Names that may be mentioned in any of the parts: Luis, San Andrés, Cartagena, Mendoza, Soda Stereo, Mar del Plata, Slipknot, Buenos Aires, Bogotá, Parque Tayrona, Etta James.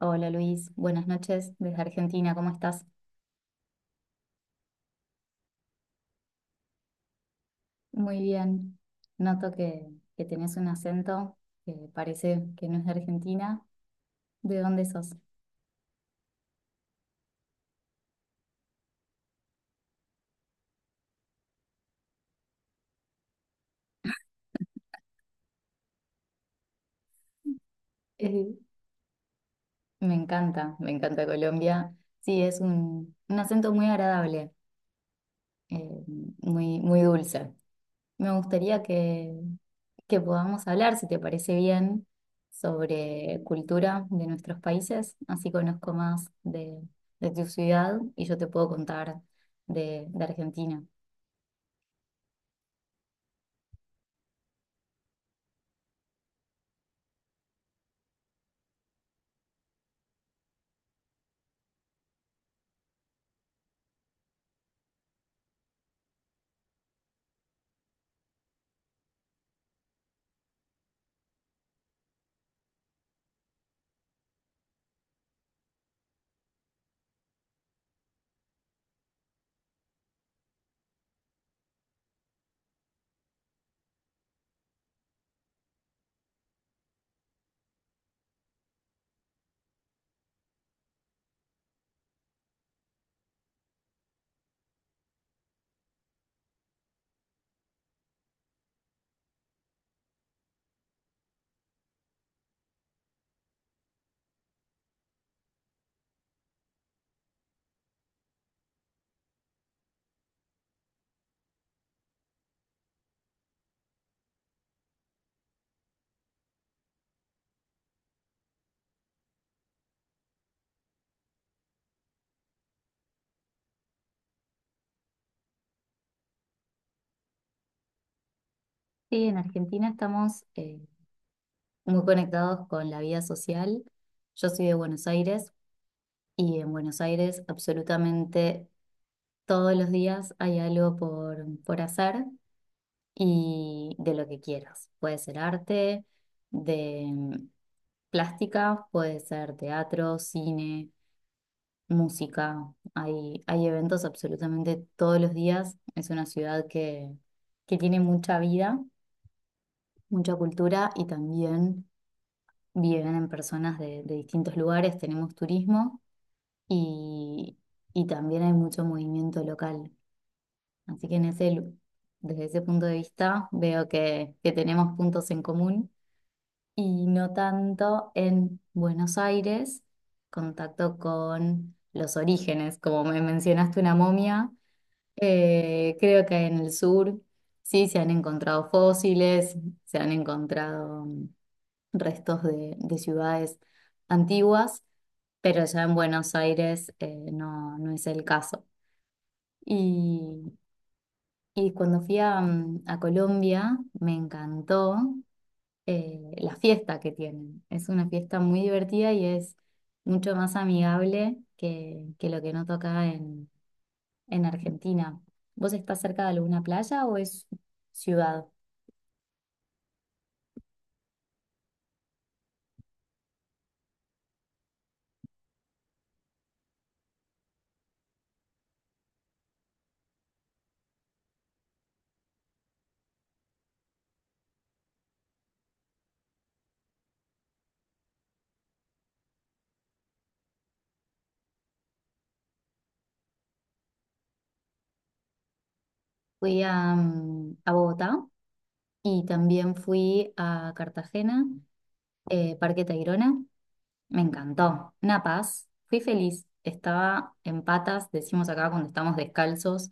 Hola Luis, buenas noches desde Argentina, ¿cómo estás? Muy bien. Noto que tenés un acento que parece que no es de Argentina. ¿De dónde sos? Eh, me encanta Colombia. Sí, es un acento muy agradable, eh, muy, muy dulce. Me gustaría que podamos hablar, si te parece bien, sobre cultura de nuestros países. Así conozco más de tu ciudad y yo te puedo contar de Argentina. Sí, en Argentina estamos muy conectados con la vida social. Yo soy de Buenos Aires y en Buenos Aires absolutamente todos los días hay algo por hacer y de lo que quieras. Puede ser arte, de plástica, puede ser teatro, cine, música. Hay eventos absolutamente todos los días. Es una ciudad que tiene mucha vida, mucha cultura y también viven en personas de distintos lugares, tenemos turismo y, y también hay mucho movimiento local. Así que en desde ese punto de vista veo que tenemos puntos en común y no tanto en Buenos Aires, contacto con los orígenes, como me mencionaste una momia, creo que en el sur sí se han encontrado fósiles, se han encontrado restos de ciudades antiguas, pero ya en Buenos Aires no, no es el caso. Y, y cuando fui a, a Colombia me encantó la fiesta que tienen. Es una fiesta muy divertida y es mucho más amigable que lo que noto acá en Argentina. ¿Vos estás cerca de alguna playa o es ciudad? Fui a, a Bogotá y también fui a Cartagena Parque Tayrona, me encantó. Una paz, fui feliz. Estaba en patas, decimos acá cuando estamos descalzos,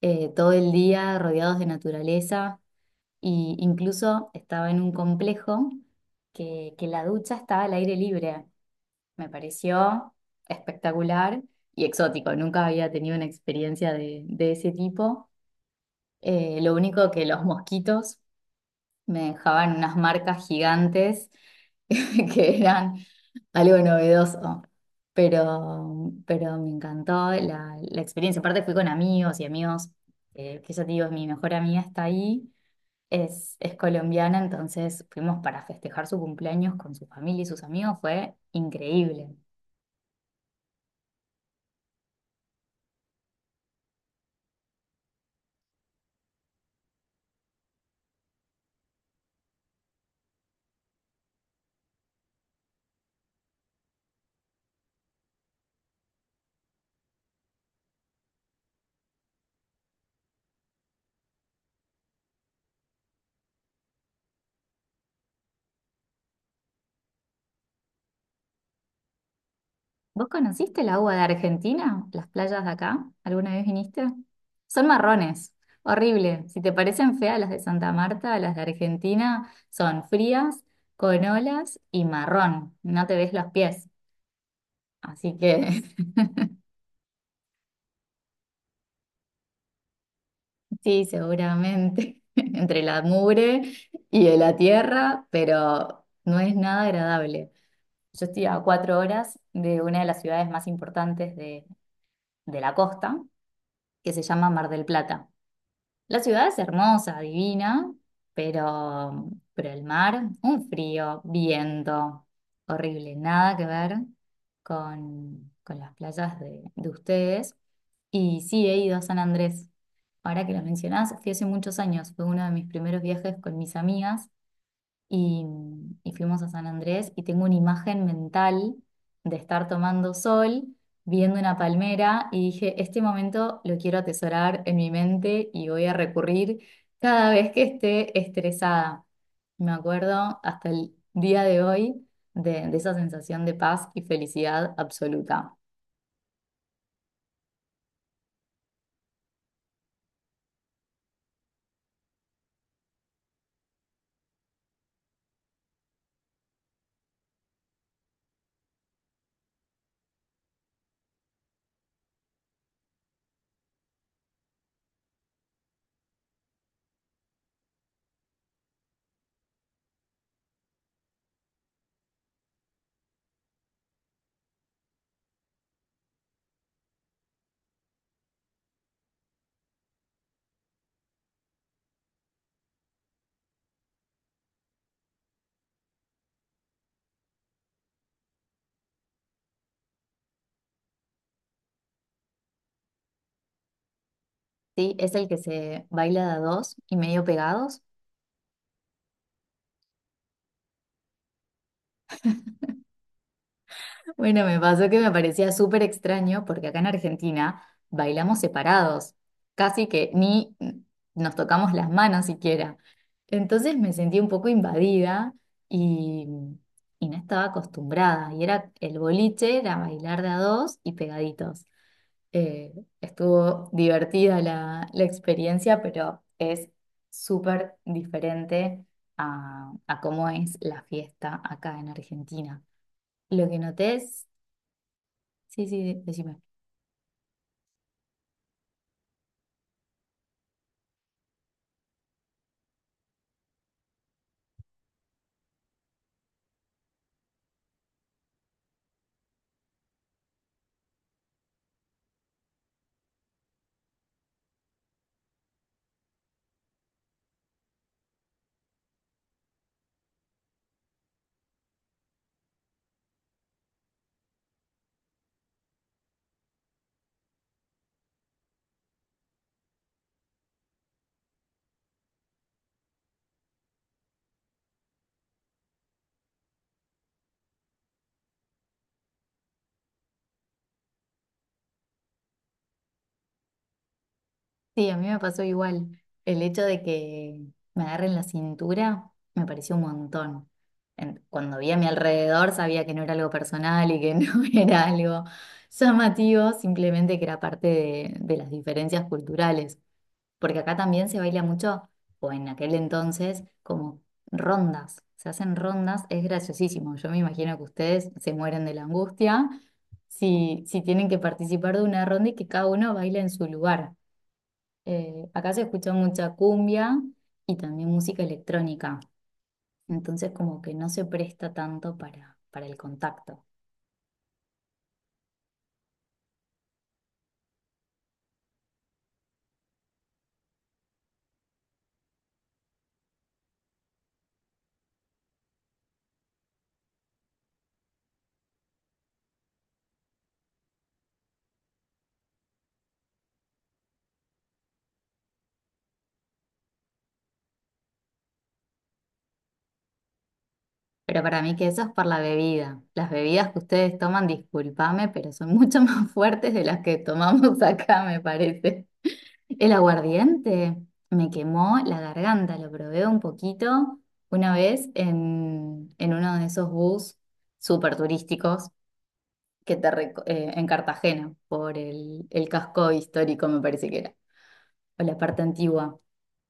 todo el día rodeados de naturaleza. Y incluso estaba en un complejo que la ducha estaba al aire libre. Me pareció espectacular y exótico. Nunca había tenido una experiencia de ese tipo. Lo único que los mosquitos me dejaban unas marcas gigantes que eran algo novedoso, pero me encantó la experiencia. Aparte fui con amigos y amigos, que ya te digo, es mi mejor amiga está ahí, es colombiana, entonces fuimos para festejar su cumpleaños con su familia y sus amigos, fue increíble. ¿Vos conociste el agua de Argentina? ¿Las playas de acá? ¿Alguna vez viniste? Son marrones, horrible. Si te parecen feas las de Santa Marta, las de Argentina son frías, con olas y marrón. No te ves los pies. Así que sí, seguramente entre la mugre y de la tierra, pero no es nada agradable. Yo estoy a 4 horas de una de las ciudades más importantes de la costa, que se llama Mar del Plata. La ciudad es hermosa, divina, pero, pero el mar, un frío, viento, horrible, nada que ver con las playas de ustedes. Y sí, he ido a San Andrés. Ahora que lo mencionás, fui hace muchos años, fue uno de mis primeros viajes con mis amigas y, y fuimos a San Andrés y tengo una imagen mental de estar tomando sol, viendo una palmera y dije, este momento lo quiero atesorar en mi mente y voy a recurrir cada vez que esté estresada. Me acuerdo hasta el día de hoy de esa sensación de paz y felicidad absoluta. Sí, es el que se baila de a dos y medio pegados. Bueno, me pasó que me parecía súper extraño porque acá en Argentina bailamos separados, casi que ni nos tocamos las manos siquiera. Entonces me sentí un poco invadida y, y no estaba acostumbrada. Y era el boliche, era bailar de a dos y pegaditos. Eh, estuvo divertida la experiencia, pero es súper diferente a cómo es la fiesta acá en Argentina. Lo que noté es sí, sí, decime. Sí, a mí me pasó igual. El hecho de que me agarren la cintura me pareció un montón. En- Cuando vi a mi alrededor sabía que no era algo personal y que no era algo llamativo, simplemente que era parte de las diferencias culturales. Porque acá también se baila mucho, o en aquel entonces, como rondas. Se hacen rondas, es graciosísimo. Yo me imagino que ustedes se mueren de la angustia si tienen que participar de una ronda y que cada uno baila en su lugar. Acá se escucha mucha cumbia y también música electrónica, entonces como que no se presta tanto para el contacto. Pero para mí que eso es por la bebida. Las bebidas que ustedes toman, discúlpame, pero son mucho más fuertes de las que tomamos acá, me parece. El aguardiente me quemó la garganta, lo probé un poquito una vez en uno de esos bus súper turísticos en Cartagena, por el casco histórico, me parece que era, o la parte antigua,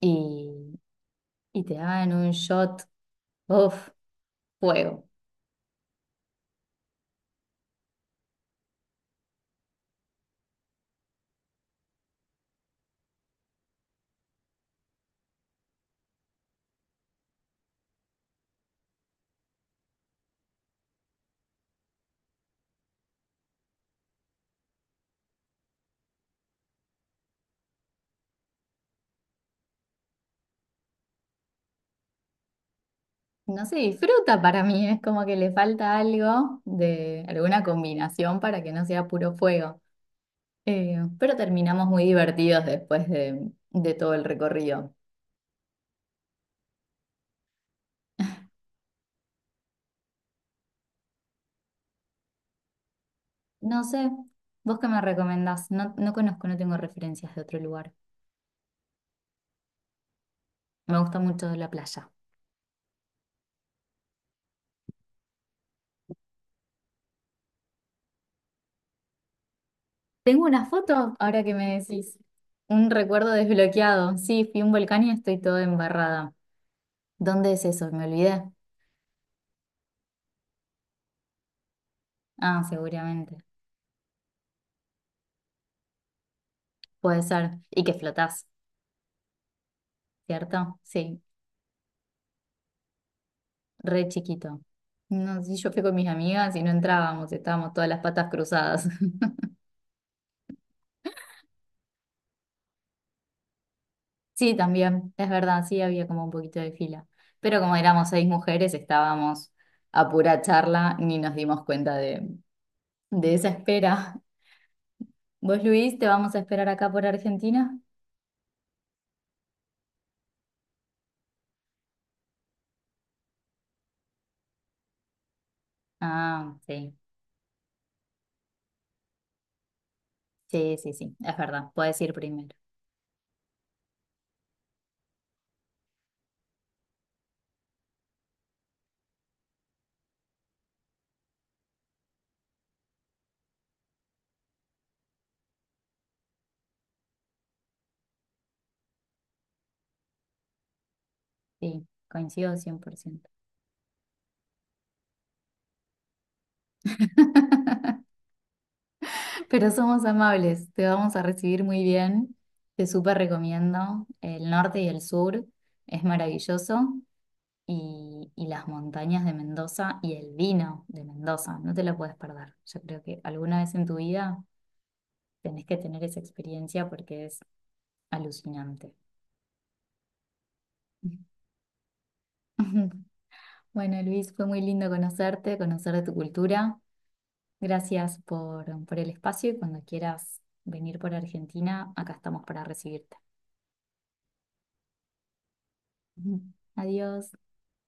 y, y te daban un shot, uff, fuego. No se disfruta para mí, es como que le falta algo de alguna combinación para que no sea puro fuego. Pero terminamos muy divertidos después de todo el recorrido. No sé, vos qué me recomendás, no, no conozco, no tengo referencias de otro lugar. Me gusta mucho la playa. Tengo una foto, ahora que me decís. Un recuerdo desbloqueado. Sí, fui a un volcán y estoy toda embarrada. ¿Dónde es eso? Me olvidé. Ah, seguramente. Puede ser. Y que flotás, ¿cierto? Sí, re chiquito. No, sí, yo fui con mis amigas y no entrábamos, estábamos todas las patas cruzadas. Sí, también, es verdad, sí había como un poquito de fila. Pero como éramos 6 mujeres, estábamos a pura charla, ni nos dimos cuenta de esa espera. ¿Vos, Luis, te vamos a esperar acá por Argentina? Ah, sí, sí, sí, sí, es verdad, puedes ir primero. Sí, coincido 100%. Pero somos amables, te vamos a recibir muy bien. Te súper recomiendo el norte y el sur, es maravilloso. Y las montañas de Mendoza y el vino de Mendoza, no te lo puedes perder. Yo creo que alguna vez en tu vida tenés que tener esa experiencia porque es alucinante. Bueno, Luis, fue muy lindo conocerte, conocer de tu cultura. Gracias por el espacio y cuando quieras venir por Argentina, acá estamos para recibirte. Ujú. Adiós.